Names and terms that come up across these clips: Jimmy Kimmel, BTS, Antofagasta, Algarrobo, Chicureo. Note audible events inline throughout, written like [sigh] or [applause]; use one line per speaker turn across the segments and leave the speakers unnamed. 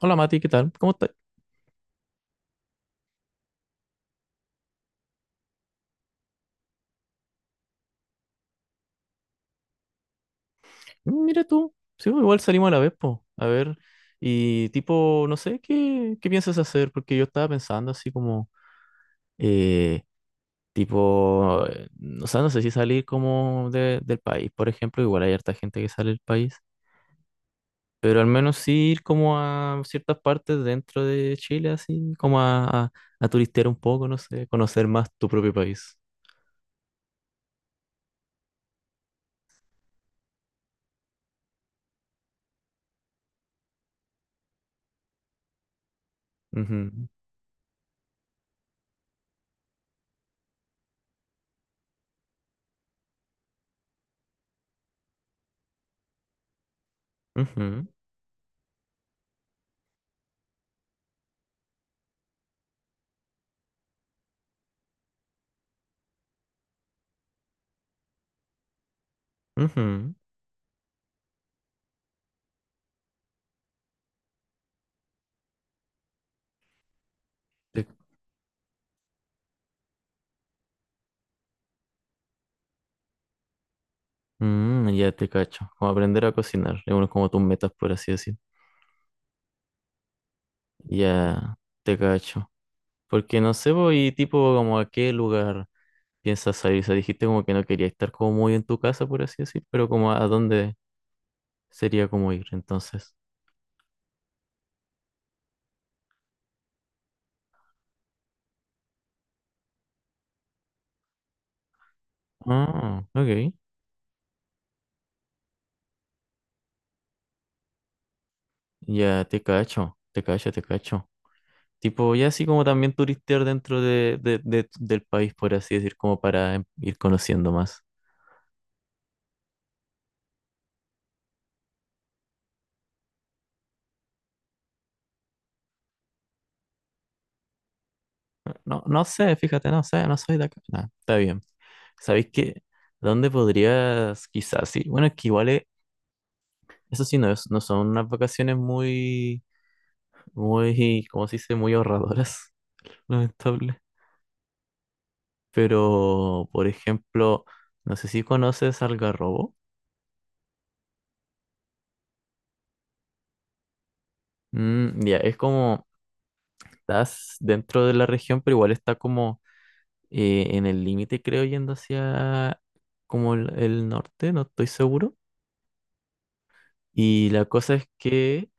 Hola Mati, ¿qué tal? ¿Cómo estás? Mira tú, sí, pues, igual salimos a la vez, po. A ver, y tipo, no sé, ¿qué piensas hacer? Porque yo estaba pensando así como, eh, tipo, eh, o sea, no sé si salir como del país, por ejemplo, igual hay harta gente que sale del país, pero al menos sí ir como a ciertas partes dentro de Chile, así, como a turistear un poco, no sé, conocer más tu propio país. Ujú, ujú, ujú. Mm, ya te cacho. Como aprender a cocinar. Es uno como tus metas, por así decir. Ya te cacho. Porque no sé, ¿voy tipo, como a qué lugar piensas salir? O sea, dijiste como que no quería estar como muy en tu casa, por así decir, pero como a dónde sería como ir, entonces. Ah, ok. Ya te cacho, te cacho, te cacho. Tipo, ya así como también turistear dentro del país, por así decir, como para ir conociendo más. No, no sé, fíjate, no sé, no soy de acá. Nah, está bien. ¿Sabéis qué? ¿Dónde podrías, quizás, sí? Bueno, es que igual, eso sí, no, no son unas vacaciones muy, muy, ¿cómo se dice? Muy ahorradoras, [laughs] lamentable. Pero, por ejemplo, no sé si conoces Algarrobo. Mm, ya, es como, estás dentro de la región, pero igual está como en el límite, creo, yendo hacia como el norte, no estoy seguro. Y la cosa es que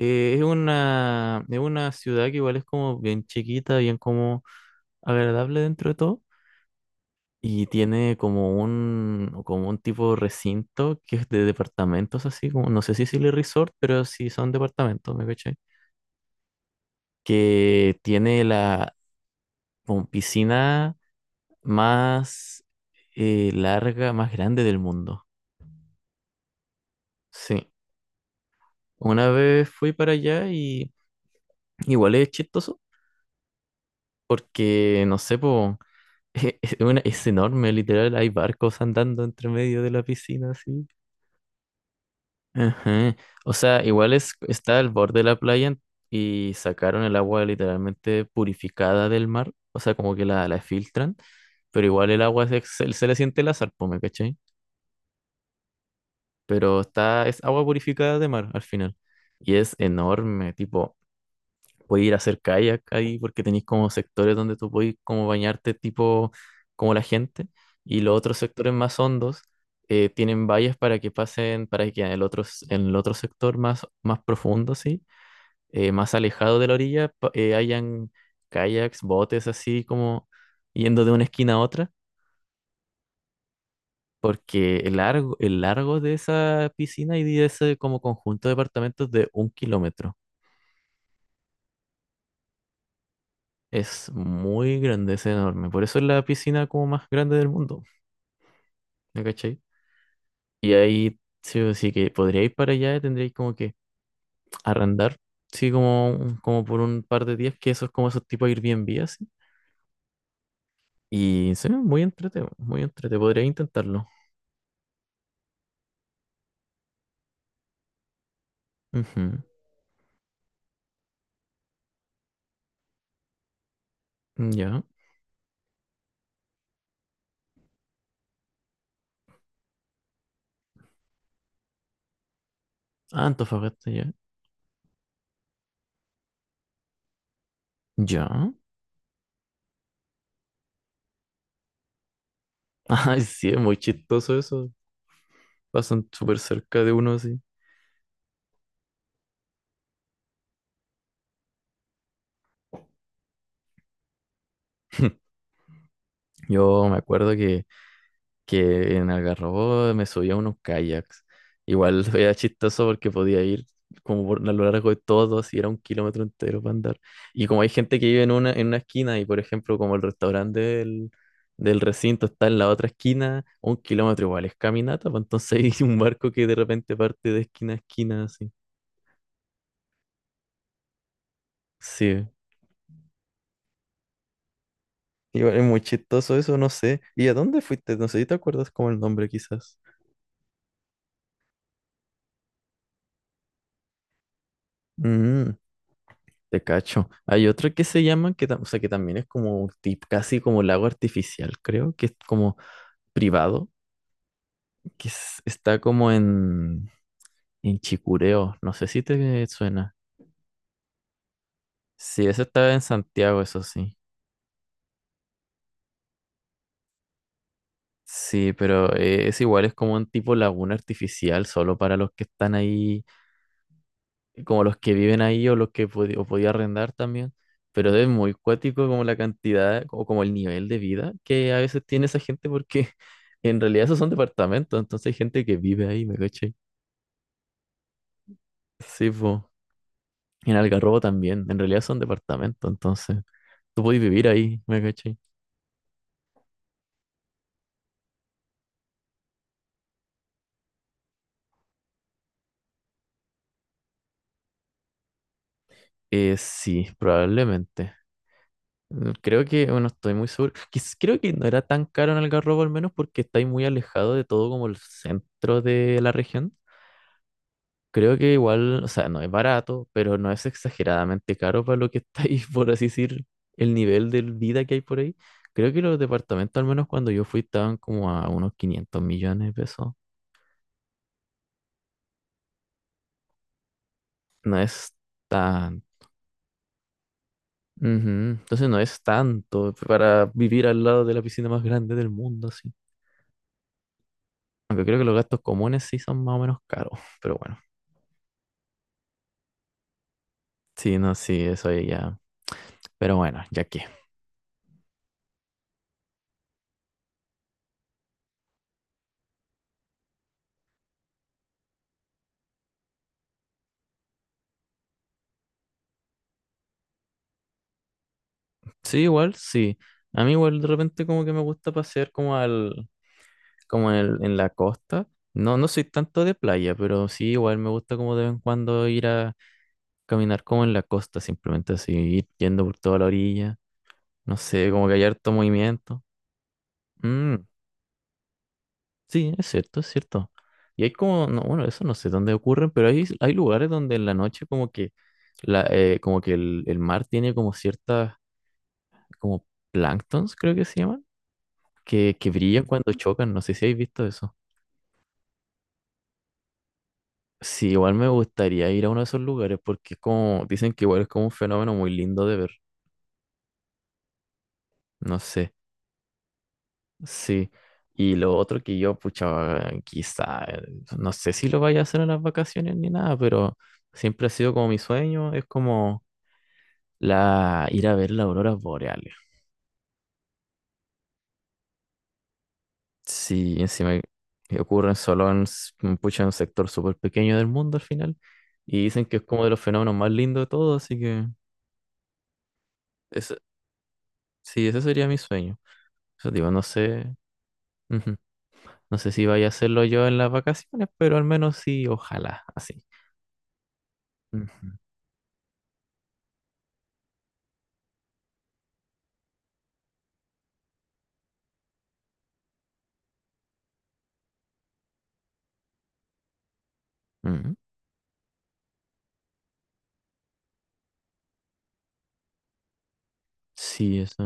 eh, es una ciudad que igual es como bien chiquita, bien como agradable dentro de todo. Y tiene como un tipo de recinto que es de departamentos así, como, no sé si es resort, pero sí son departamentos, ¿me caché? Que tiene la como piscina más larga, más grande del mundo. Sí. Una vez fui para allá y igual es chistoso porque, no sé, pues... [laughs] Es, es enorme, literal, hay barcos andando entre medio de la piscina, así. Ajá. O sea, igual es, está al borde de la playa y sacaron el agua literalmente purificada del mar, o sea, como que la filtran, pero igual el agua se, se le siente el azar, po, ¿me cachai? Pero está, es agua purificada de mar al final. Y es enorme, tipo, podéis ir a hacer kayak ahí porque tenéis como sectores donde tú podéis como bañarte tipo como la gente y los otros sectores más hondos tienen vallas para que pasen, para que en el otro, en el otro sector más, más profundo, sí, más alejado de la orilla, hayan kayaks, botes así como yendo de una esquina a otra. Porque el largo de esa piscina y de ese como conjunto de departamentos es de un kilómetro. Es muy grande, es enorme. Por eso es la piscina como más grande del mundo, ¿me cachai? Y ahí sí o sí que podríais para allá, tendríais como que arrendar, sí, como, como por un par de días, que eso es como esos tipos Airbnb así. Y sí muy entretenido, muy entretenido. Podría intentarlo. Ujú, ya. Ah, Antofagasta, ya. Ya. [laughs] Ay, sí, es muy chistoso eso. Pasan súper cerca de uno así. [laughs] Yo me acuerdo que en Algarrobo me subía a unos kayaks. Igual [laughs] era chistoso porque podía ir como por, a lo largo de todo, así era un kilómetro entero para andar. Y como hay gente que vive en una esquina y por ejemplo como el restaurante del, del recinto está en la otra esquina, un kilómetro igual es caminata, pues entonces [laughs] hay un barco que de repente parte de esquina a esquina así. Sí, igual es muy chistoso eso, no sé. ¿Y a dónde fuiste? No sé si te acuerdas como el nombre quizás. Mm. Te cacho. Hay otra que se llama, o sea, que también es como un tip, casi como lago artificial, creo, que es como privado, que está como en Chicureo. No sé si te suena. Sí, ese está en Santiago, eso sí. Sí, pero es igual, es como un tipo laguna artificial, solo para los que están ahí como los que viven ahí o los que o podía arrendar también, pero es muy cuático como la cantidad o como el nivel de vida que a veces tiene esa gente porque [laughs] en realidad esos son departamentos, entonces hay gente que vive ahí, ¿me caché? Sí, po. En Algarrobo también, en realidad son departamentos, entonces tú podés vivir ahí, ¿me caché? Sí, probablemente. Mm, creo que, bueno, estoy muy seguro. Creo que no era tan caro en Algarrobo al menos porque estáis muy alejado de todo como el centro de la región. Creo que igual, o sea, no es barato, pero no es exageradamente caro para lo que está ahí, [laughs] por así decir, el nivel de vida que hay por ahí. Creo que los departamentos, al menos cuando yo fui, estaban como a unos 500 millones de pesos. No es tan... Ujú, entonces no es tanto para vivir al lado de la piscina más grande del mundo, así. Aunque creo que los gastos comunes sí son más o menos caros, [laughs] pero bueno. Sí, no, sí, eso ahí ya. Pero bueno, ya que. Sí, igual, sí. A mí igual de repente como que me gusta pasear como al, como en, en la costa. No, no soy tanto de playa, pero sí igual me gusta como de vez en cuando ir a caminar como en la costa, simplemente así, ir yendo por toda la orilla. No sé, como que hay harto movimiento. Mm, sí, es cierto, es cierto. Y hay como, no, bueno, eso no sé dónde ocurren, pero hay lugares donde en la noche como que, la, como que el mar tiene como ciertas, como planctons, creo que se llaman, que brillan cuando chocan. No sé si habéis visto eso. Sí, igual me gustaría ir a uno de esos lugares porque es como, dicen que igual es como un fenómeno muy lindo de ver, no sé, sí. Y lo otro que yo, pucha, quizá, no sé si lo vaya a hacer en las vacaciones ni nada, pero siempre ha sido como mi sueño, es como la, ir a ver las auroras boreales. Sí, encima que ocurren solo en, pucha, en un sector súper pequeño del mundo al final, y dicen que es como de los fenómenos más lindos de todos, así que ese, sí, ese sería mi sueño. Eso digo, no sé. Ujú. No sé si vaya a hacerlo yo en las vacaciones, pero al menos sí, ojalá, así. Ujú. Ujú. Sí, eso,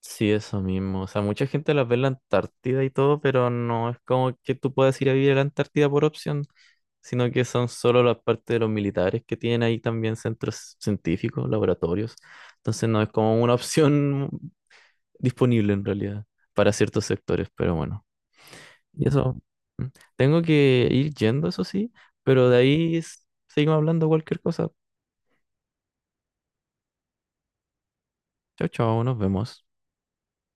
sí, eso mismo. O sea, mucha gente las ve en la Antártida y todo, pero no es como que tú puedas ir a vivir a la Antártida por opción, sino que son solo las partes de los militares que tienen ahí también centros científicos, laboratorios. Entonces no es como una [laughs] opción disponible en realidad para ciertos sectores, pero bueno. Y eso, mm, tengo que ir yendo, eso sí, pero de ahí seguimos hablando cualquier cosa. Chao, chao, nos vemos.